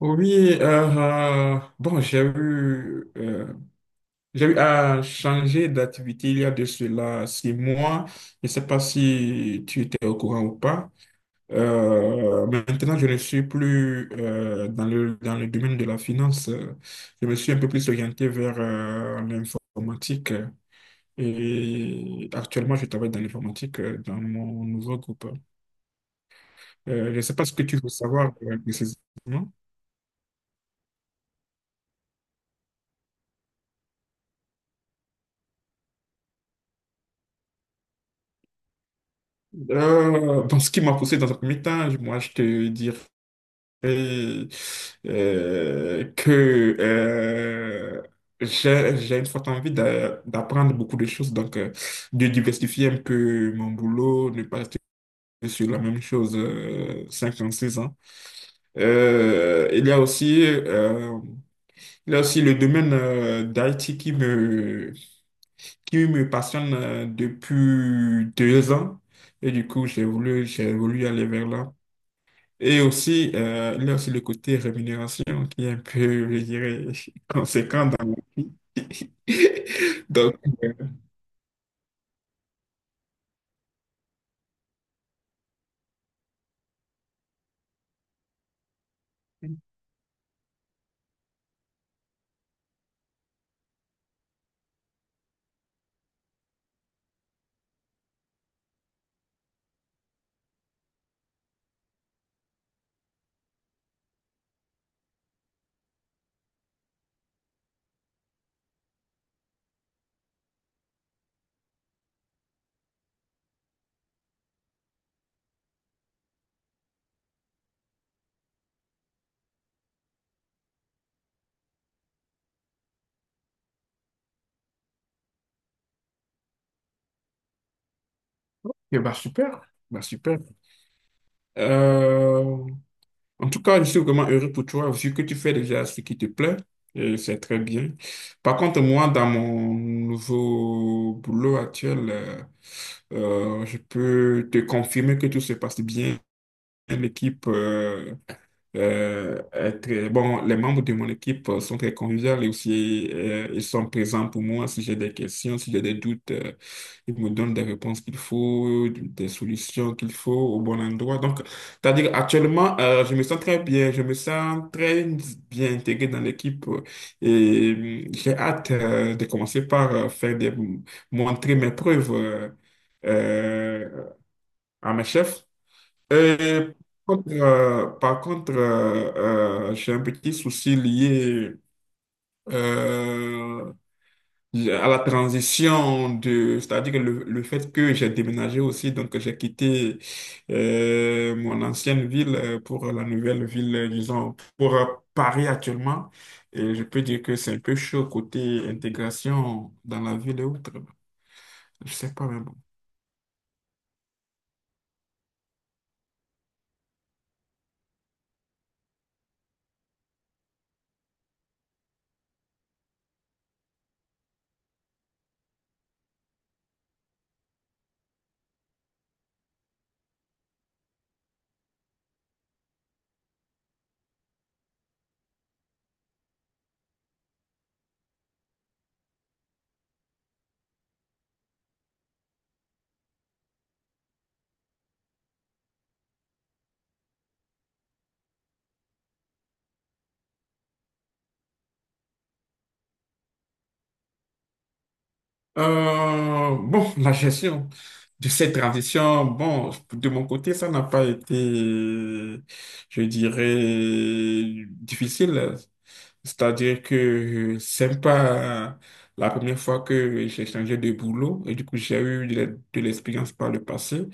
Oui, bon, j'ai eu à changer d'activité il y a de cela 6 mois. Je ne sais pas si tu étais au courant ou pas. Maintenant, je ne suis plus dans dans le domaine de la finance. Je me suis un peu plus orienté vers l'informatique. Et actuellement, je travaille dans l'informatique dans mon nouveau groupe. Je ne sais pas ce que tu veux savoir précisément. Bon, ce qui m'a poussé dans un premier temps, moi, je te dirais euh, que j'ai une forte envie d'apprendre beaucoup de choses, donc de diversifier un peu mon boulot, ne pas rester sur la même chose 6 ans. Euh, il y a aussi, euh, il y a aussi le domaine d'IT qui me passionne depuis 2 ans. Et du coup, j'ai voulu aller vers là. Et aussi, il y a aussi le côté rémunération qui est un peu, je dirais, conséquent dans la vie. Donc, euh, eh ben, super, bah super. Euh, En tout cas, je suis vraiment heureux pour toi, vu que tu fais déjà ce qui te plaît, et c'est très bien. Par contre, moi, dans mon nouveau boulot actuel, je peux te confirmer que tout se passe bien. L'équipe est bon, les membres de mon équipe sont très conviviaux et aussi ils sont présents pour moi si j'ai des questions, si j'ai des doutes, ils me donnent des réponses qu'il faut, des solutions qu'il faut au bon endroit. Donc, c'est-à-dire actuellement, je me sens très bien intégré dans l'équipe et j'ai hâte de commencer par faire des montrer mes preuves euh, à mes chefs. Euh, Par contre, j'ai un petit souci lié euh, à la transition de, c'est-à-dire que le fait que j'ai déménagé aussi, donc j'ai quitté mon ancienne ville pour la nouvelle ville, disons, pour Paris actuellement. Et je peux dire que c'est un peu chaud côté intégration dans la ville et autres. Je sais pas, même. Bon, la gestion de cette transition, bon, de mon côté, ça n'a pas été, je dirais, difficile. C'est-à-dire que c'est pas la première fois que j'ai changé de boulot et du coup, j'ai eu de l'expérience par le passé.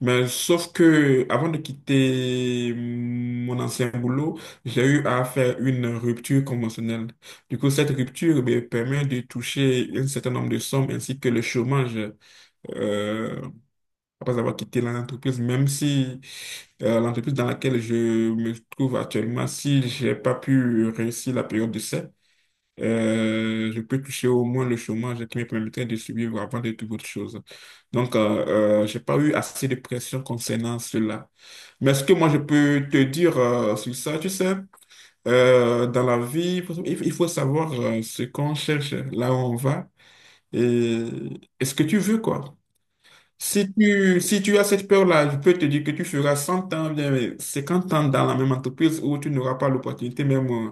Mais sauf que avant de quitter mon ancien boulot, j'ai eu à faire une rupture conventionnelle. Du coup, cette rupture me permet de toucher un certain nombre de sommes ainsi que le chômage euh, après avoir quitté l'entreprise, même si l'entreprise dans laquelle je me trouve actuellement, si j'ai pas pu réussir la période d'essai, je peux toucher au moins le chômage qui me permettrait de survivre avant de toute autre chose. Donc, j'ai pas eu assez de pression concernant cela. Mais ce que moi, je peux te dire sur ça, tu sais, dans la vie, il faut savoir ce qu'on cherche, là où on va et, et ce que tu veux, quoi. Si tu as cette peur-là, je peux te dire que tu feras 100 ans, bien 50 ans dans la même entreprise où tu n'auras pas l'opportunité même euh,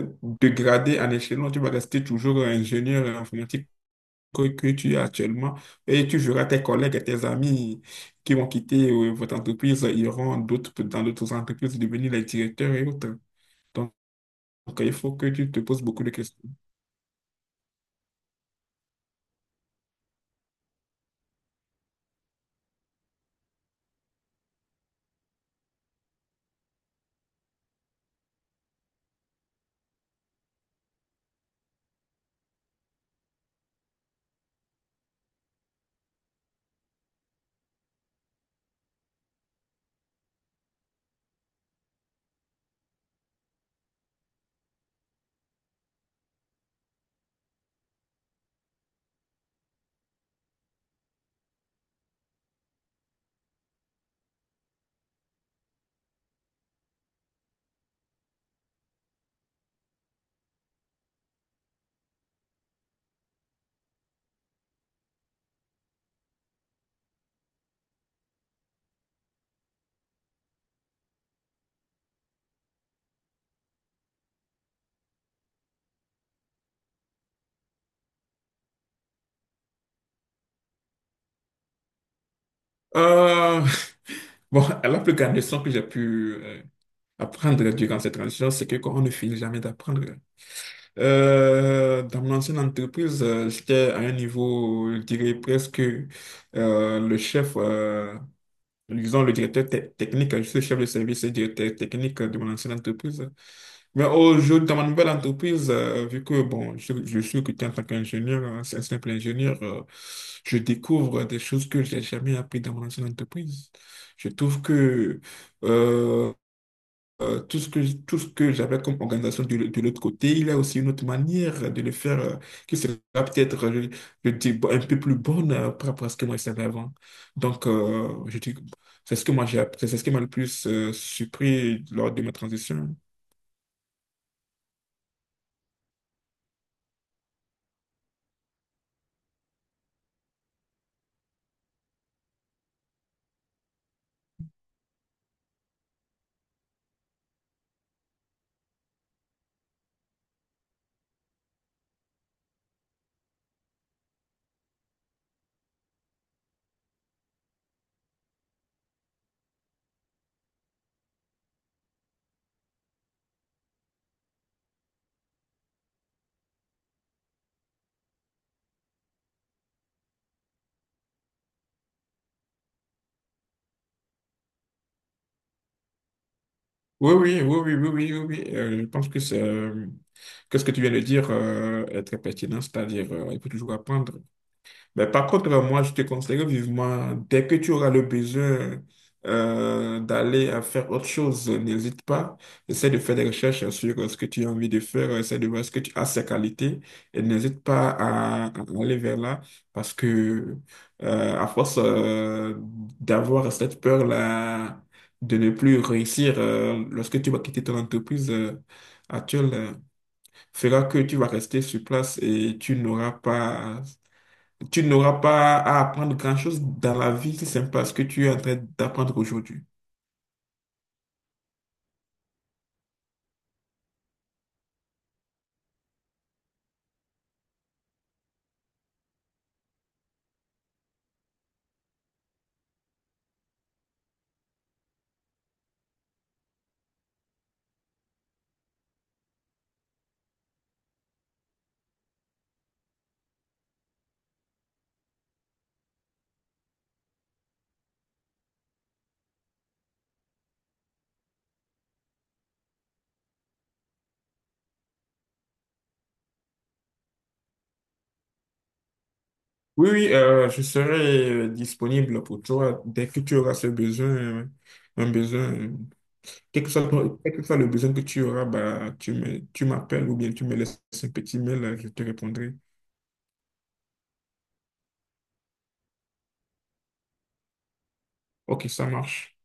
euh, dégradé en échelon, tu vas rester toujours ingénieur informatique que tu es actuellement et tu verras tes collègues et tes amis qui vont quitter votre entreprise, iront d'autres, dans d'autres entreprises devenir les directeurs et autres. Donc, il faut que tu te poses beaucoup de questions. Euh, bon, la plus grande leçon que j'ai pu apprendre durant cette transition, c'est que on ne finit jamais d'apprendre. Dans mon ancienne entreprise, j'étais à un niveau, je dirais presque le chef, disons le directeur technique, je suis chef de service et directeur technique de mon ancienne entreprise. Mais aujourd'hui, dans ma nouvelle entreprise, vu que bon, je suis recruté en tant qu'ingénieur, hein, c'est un simple ingénieur, je découvre des choses que j'ai jamais appris dans mon ancienne entreprise. Je trouve que euh, tout ce que j'avais comme organisation de l'autre côté, il y a aussi une autre manière de le faire qui sera peut-être, je dis, un peu plus bonne par rapport à ce que moi je savais avant. Donc, je dis, c'est ce que moi j'ai appris, c'est ce qui m'a le plus surpris lors de ma transition. Oui, oui, oui, oui, oui, oui, oui, oui. Je pense que que ce que tu viens de dire est très pertinent, c'est-à-dire il faut toujours apprendre. Mais par contre, moi, je te conseille vivement, dès que tu auras le besoin d'aller à faire autre chose, n'hésite pas. Essaie de faire des recherches sur ce que tu as envie de faire, essaie de voir ce que tu as, ces qualités, et n'hésite pas à aller vers là, parce que à force d'avoir cette peur-là de ne plus réussir lorsque tu vas quitter ton entreprise actuelle, fera que tu vas rester sur place et tu n'auras pas à apprendre grand-chose dans la vie si ce n'est pas ce que tu es en train d'apprendre aujourd'hui. Oui, oui, je serai disponible pour toi dès que tu auras ce besoin, un besoin, euh, quel que soit, quel que soit le besoin que tu auras, bah, tu m'appelles ou bien tu me laisses un petit mail, je te répondrai. Ok, ça marche.